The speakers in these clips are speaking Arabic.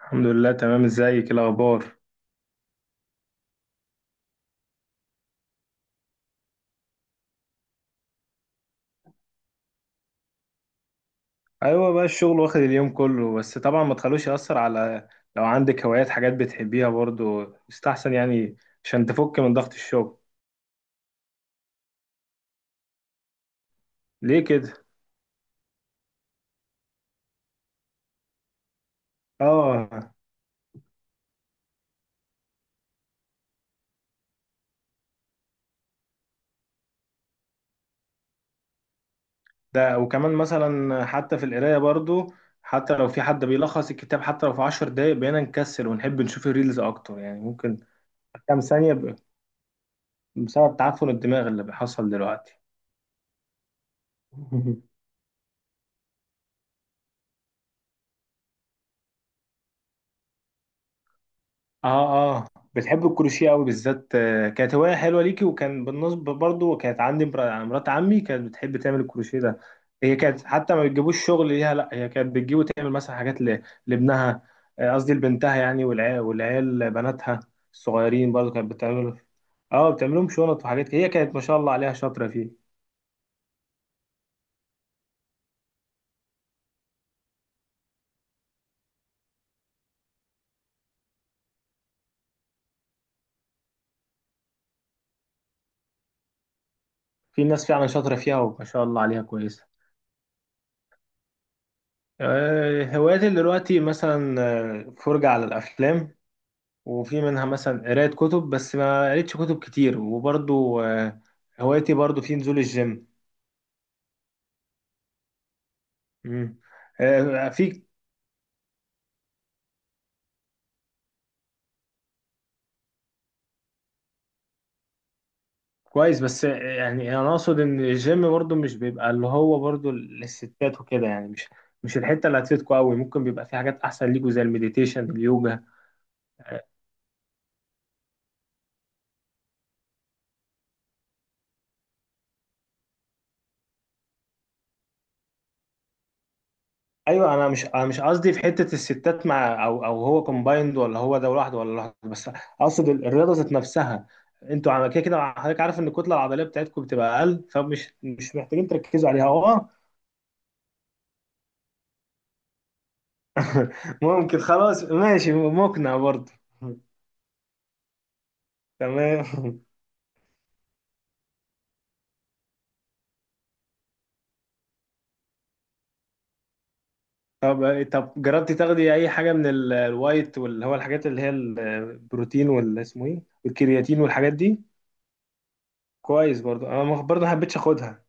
الحمد لله، تمام. ازيك الاخبار؟ ايوه بقى، الشغل واخد اليوم كله، بس طبعا ما تخلوش يأثر على، لو عندك هوايات حاجات بتحبيها برضو يستحسن يعني، عشان تفك من ضغط الشغل. ليه كده؟ اه، ده وكمان مثلا حتى في القرايه برضو، حتى لو في حد بيلخص الكتاب، حتى لو في عشر دقايق بقينا نكسل ونحب نشوف الريلز اكتر. يعني ممكن كام ثانيه بسبب تعفن الدماغ اللي بيحصل دلوقتي. اه، اه، بتحب الكروشيه قوي بالذات. كانت هوايه حلوه ليكي، وكان بالنسبه برضو كانت عندي مرات عمي كانت بتحب تعمل الكروشيه ده. هي كانت حتى ما بتجيبوش شغل ليها، لا هي كانت بتجيب وتعمل مثلا حاجات لابنها. قصدي لبنتها، يعني والعيال والعيال بناتها الصغيرين برضو كانت بتعمل. اه، بتعملهم شنط وحاجات، هي كانت ما شاء الله عليها شاطره فيه. في ناس فعلا شاطره فيها وما شاء الله عليها كويسه. هواياتي دلوقتي مثلا، فرجه على الافلام، وفي منها مثلا قراية كتب بس ما قريتش كتب كتير، وبرضو هوايتي برضو في نزول الجيم. مم. في. كويس، بس يعني انا اقصد ان الجيم برضو مش بيبقى اللي هو برضو للستات وكده، يعني مش الحتة اللي هتفيدكوا قوي، ممكن بيبقى في حاجات احسن ليكوا زي المديتيشن، اليوجا. آه، ايوه، انا مش قصدي في حته الستات مع او هو كومبايند، ولا هو ده لوحده، ولا لوحده بس. اقصد الرياضه ذات نفسها. انتوا على كده كده حضرتك عارف ان الكتله العضليه بتاعتكم بتبقى اقل، فمش مش محتاجين تركزوا عليها. اه. ممكن، خلاص ماشي، مقنع برضه. تمام. طب جربتي تاخدي اي حاجه من الوايت، واللي هو الحاجات اللي هي البروتين واللي اسمه ايه، والكرياتين والحاجات دي؟ كويس، برضه انا برضه ما حبيتش اخدها.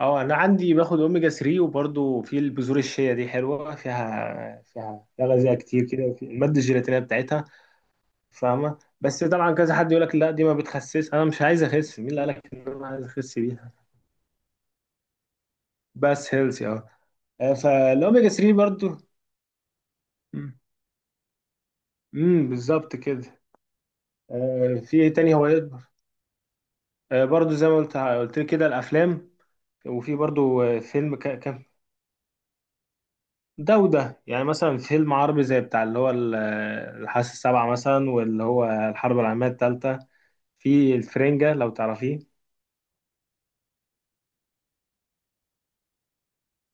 اه، انا عندي باخد اوميجا 3، وبرضو في البذور الشيا دي حلوه فيها غذاء كتير كده، وفي الماده الجيلاتينيه بتاعتها. فاهمه، بس طبعا كذا حد يقول لك لا دي ما بتخسس. انا مش عايز اخس، مين اللي قال لك ان انا عايز اخس بيها؟ بس هيلثي، اه. فالاوميجا 3 برضو. بالظبط كده. في ايه تاني هو يكبر. برضو زي ما قلت لك كده، الافلام، وفي برضو فيلم كان. ده وده، يعني مثلا فيلم عربي زي بتاع اللي هو الحاسة السابعة مثلا، واللي هو الحرب العالمية التالتة في الفرنجة، لو تعرفيه.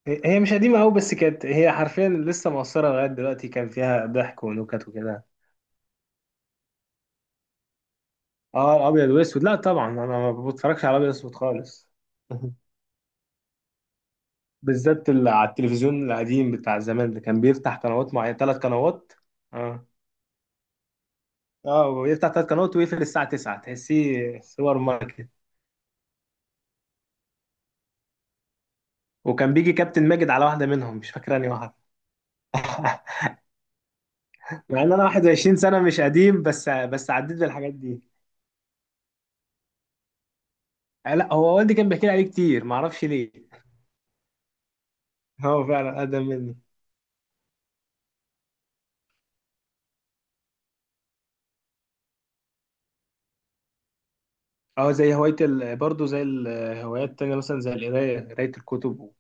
هي مش قديمة أوي، بس كانت هي حرفيا لسه مؤثرة لغاية دلوقتي، كان فيها ضحك ونكت وكده. اه، الأبيض وأسود، لا طبعا أنا ما بتفرجش على أبيض وأسود خالص. بالذات اللي على التلفزيون القديم بتاع زمان، اللي كان بيفتح قنوات معينة، ثلاث قنوات. اه، اه، ويفتح ثلاث قنوات ويقفل الساعة 9، تحسيه سوبر ماركت. وكان بيجي كابتن ماجد على واحدة منهم، مش فاكر انهي واحدة. مع ان انا 21 سنه، مش قديم، بس عديت بالحاجات دي. لا، هو والدي كان بيحكي لي عليه كتير، معرفش ليه. هو فعلا اقدم مني. اه، زي هوايه برضه زي الهوايات التانية، مثلا زي قرايه الكتب،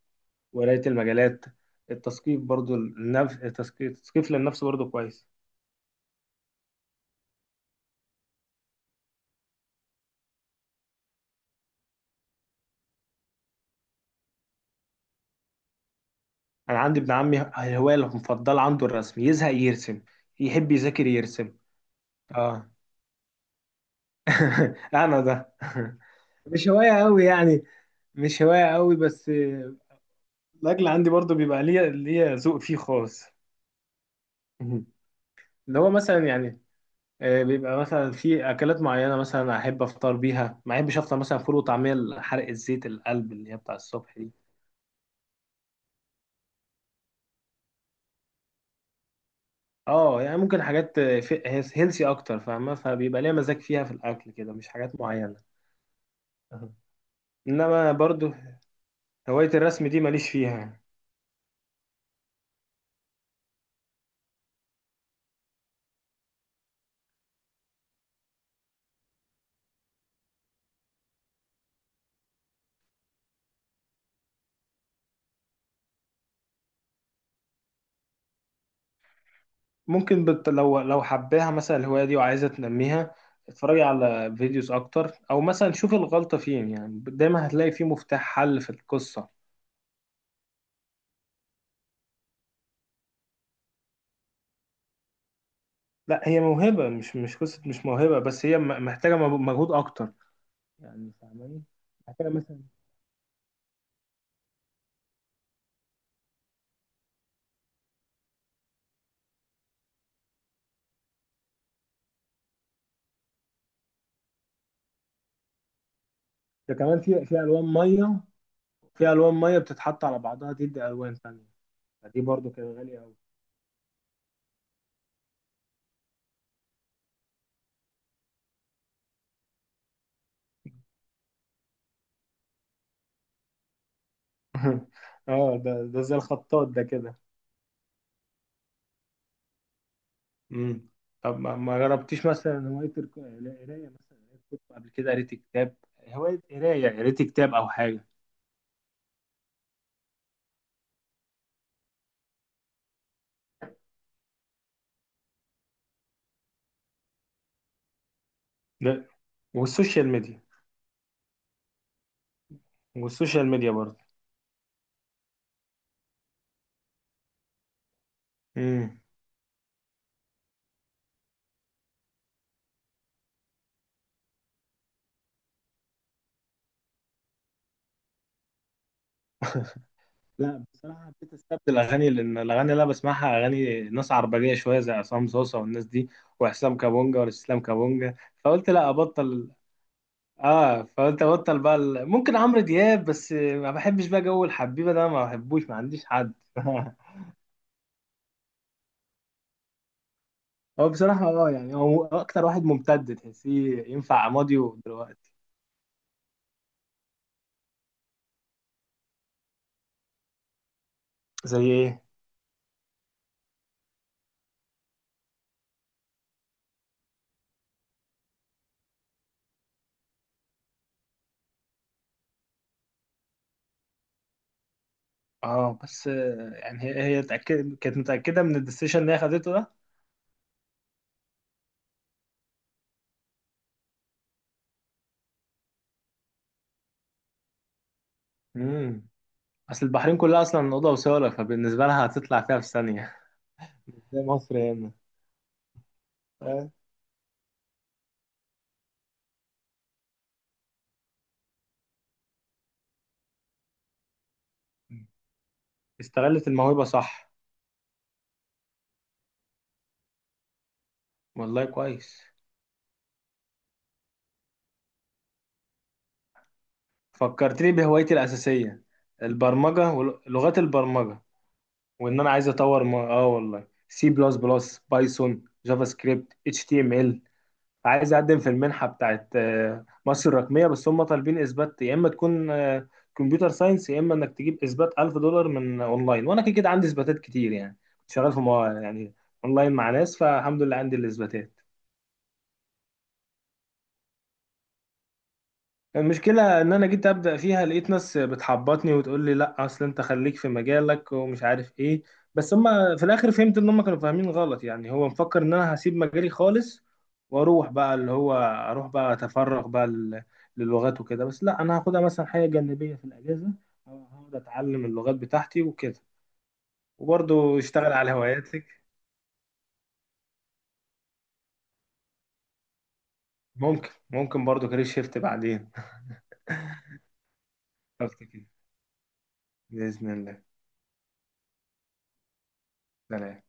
وقرايه المجلات، التثقيف برضه النفس، التثقيف للنفس برضه كويس. انا عندي ابن عمي، الهوايه المفضله عنده الرسم، يزهق يرسم، يحب يذاكر يرسم. اه. انا ده. مش هوايه قوي يعني، مش هوايه قوي بس. الاكل عندي برضو بيبقى ليا ذوق فيه خاص. مهم. اللي هو مثلا يعني، بيبقى مثلا في اكلات معينه، مثلا احب افطر بيها، ما احبش افطر مثلا فول وطعميه حرق الزيت القلب اللي هي بتاع الصبح دي. اه، يعني ممكن حاجات هيلثي اكتر فاهمه، فبيبقى ليا مزاج فيها في الاكل كده، مش حاجات معينه. أها. انما برضو هوايه الرسم دي ماليش فيها. ممكن لو حباها مثلا الهواية دي وعايزة تنميها، اتفرجي على فيديوز أكتر، أو مثلا شوفي الغلطة فين. يعني دايما هتلاقي فيه مفتاح حل في القصة. لا، هي موهبة، مش قصة، مش موهبة، بس هي محتاجة مجهود أكتر. يعني فاهماني؟ محتاجة مثلا، ده كمان في ألوان مية، في ألوان مية بتتحط على بعضها تدي ألوان تانية، فدي برضو كانت غالية أوي. اه، ده زي الخطاط ده كده. امم طب ما جربتيش مثلا هواية القراية؟ مثلا قريت كتب قبل كده، قريت كتاب؟ هواية قراية، قريت كتاب أو حاجة؟ لا، والسوشيال ميديا. والسوشيال ميديا برضه. امم. لا بصراحة، حبيت استبدل أغاني، لأن الأغاني اللي أنا بسمعها أغاني ناس عربجية شوية، زي عصام صوصة والناس دي، وحسام كابونجا والاستسلام كابونجا، فقلت لا أبطل. فقلت أبطل بقى ممكن عمرو دياب، بس ما بحبش بقى جو الحبيبة ده، ما بحبوش، ما عنديش حد. هو بصراحة اه، يعني هو أكتر واحد ممتد، تحسيه ينفع ماضي دلوقتي. زي إيه؟ اه، بس يعني هي كانت متأكدة من الديسيشن اللي هي خدته ده. امم. أصل البحرين كلها أصلا أوضة وصالة، فبالنسبة لها هتطلع فيها في ثانية. زي مصر هنا. آه. استغلت الموهبة، صح. والله كويس. فكرتني بهوايتي الأساسية، البرمجة ولغات البرمجة، وإن أنا عايز أطور والله، سي بلس بلس، بايثون، جافا سكريبت، اتش تي ام ال. عايز اقدم في المنحه بتاعت مصر الرقميه، بس هم طالبين اثبات، يا اما تكون كمبيوتر ساينس، يا اما انك تجيب اثبات 1000 دولار من اونلاين، وانا كده كده عندي اثباتات كتير، يعني كنت شغال في يعني اونلاين مع ناس، فالحمد لله عندي الاثباتات. المشكلة إن أنا جيت أبدأ فيها لقيت ناس بتحبطني وتقول لي لأ أصل أنت خليك في مجالك ومش عارف إيه، بس هما في الآخر فهمت إن هما كانوا فاهمين غلط، يعني هو مفكر إن أنا هسيب مجالي خالص وأروح بقى اللي هو أروح بقى أتفرغ بقى للغات وكده، بس لأ أنا هاخدها مثلا حاجة جانبية في الأجازة. هقعد أتعلم اللغات بتاعتي وكده، وبرضه اشتغل على هواياتك. ممكن برضه كارير شيفت بعدين. قلت كده، بإذن الله. سلام.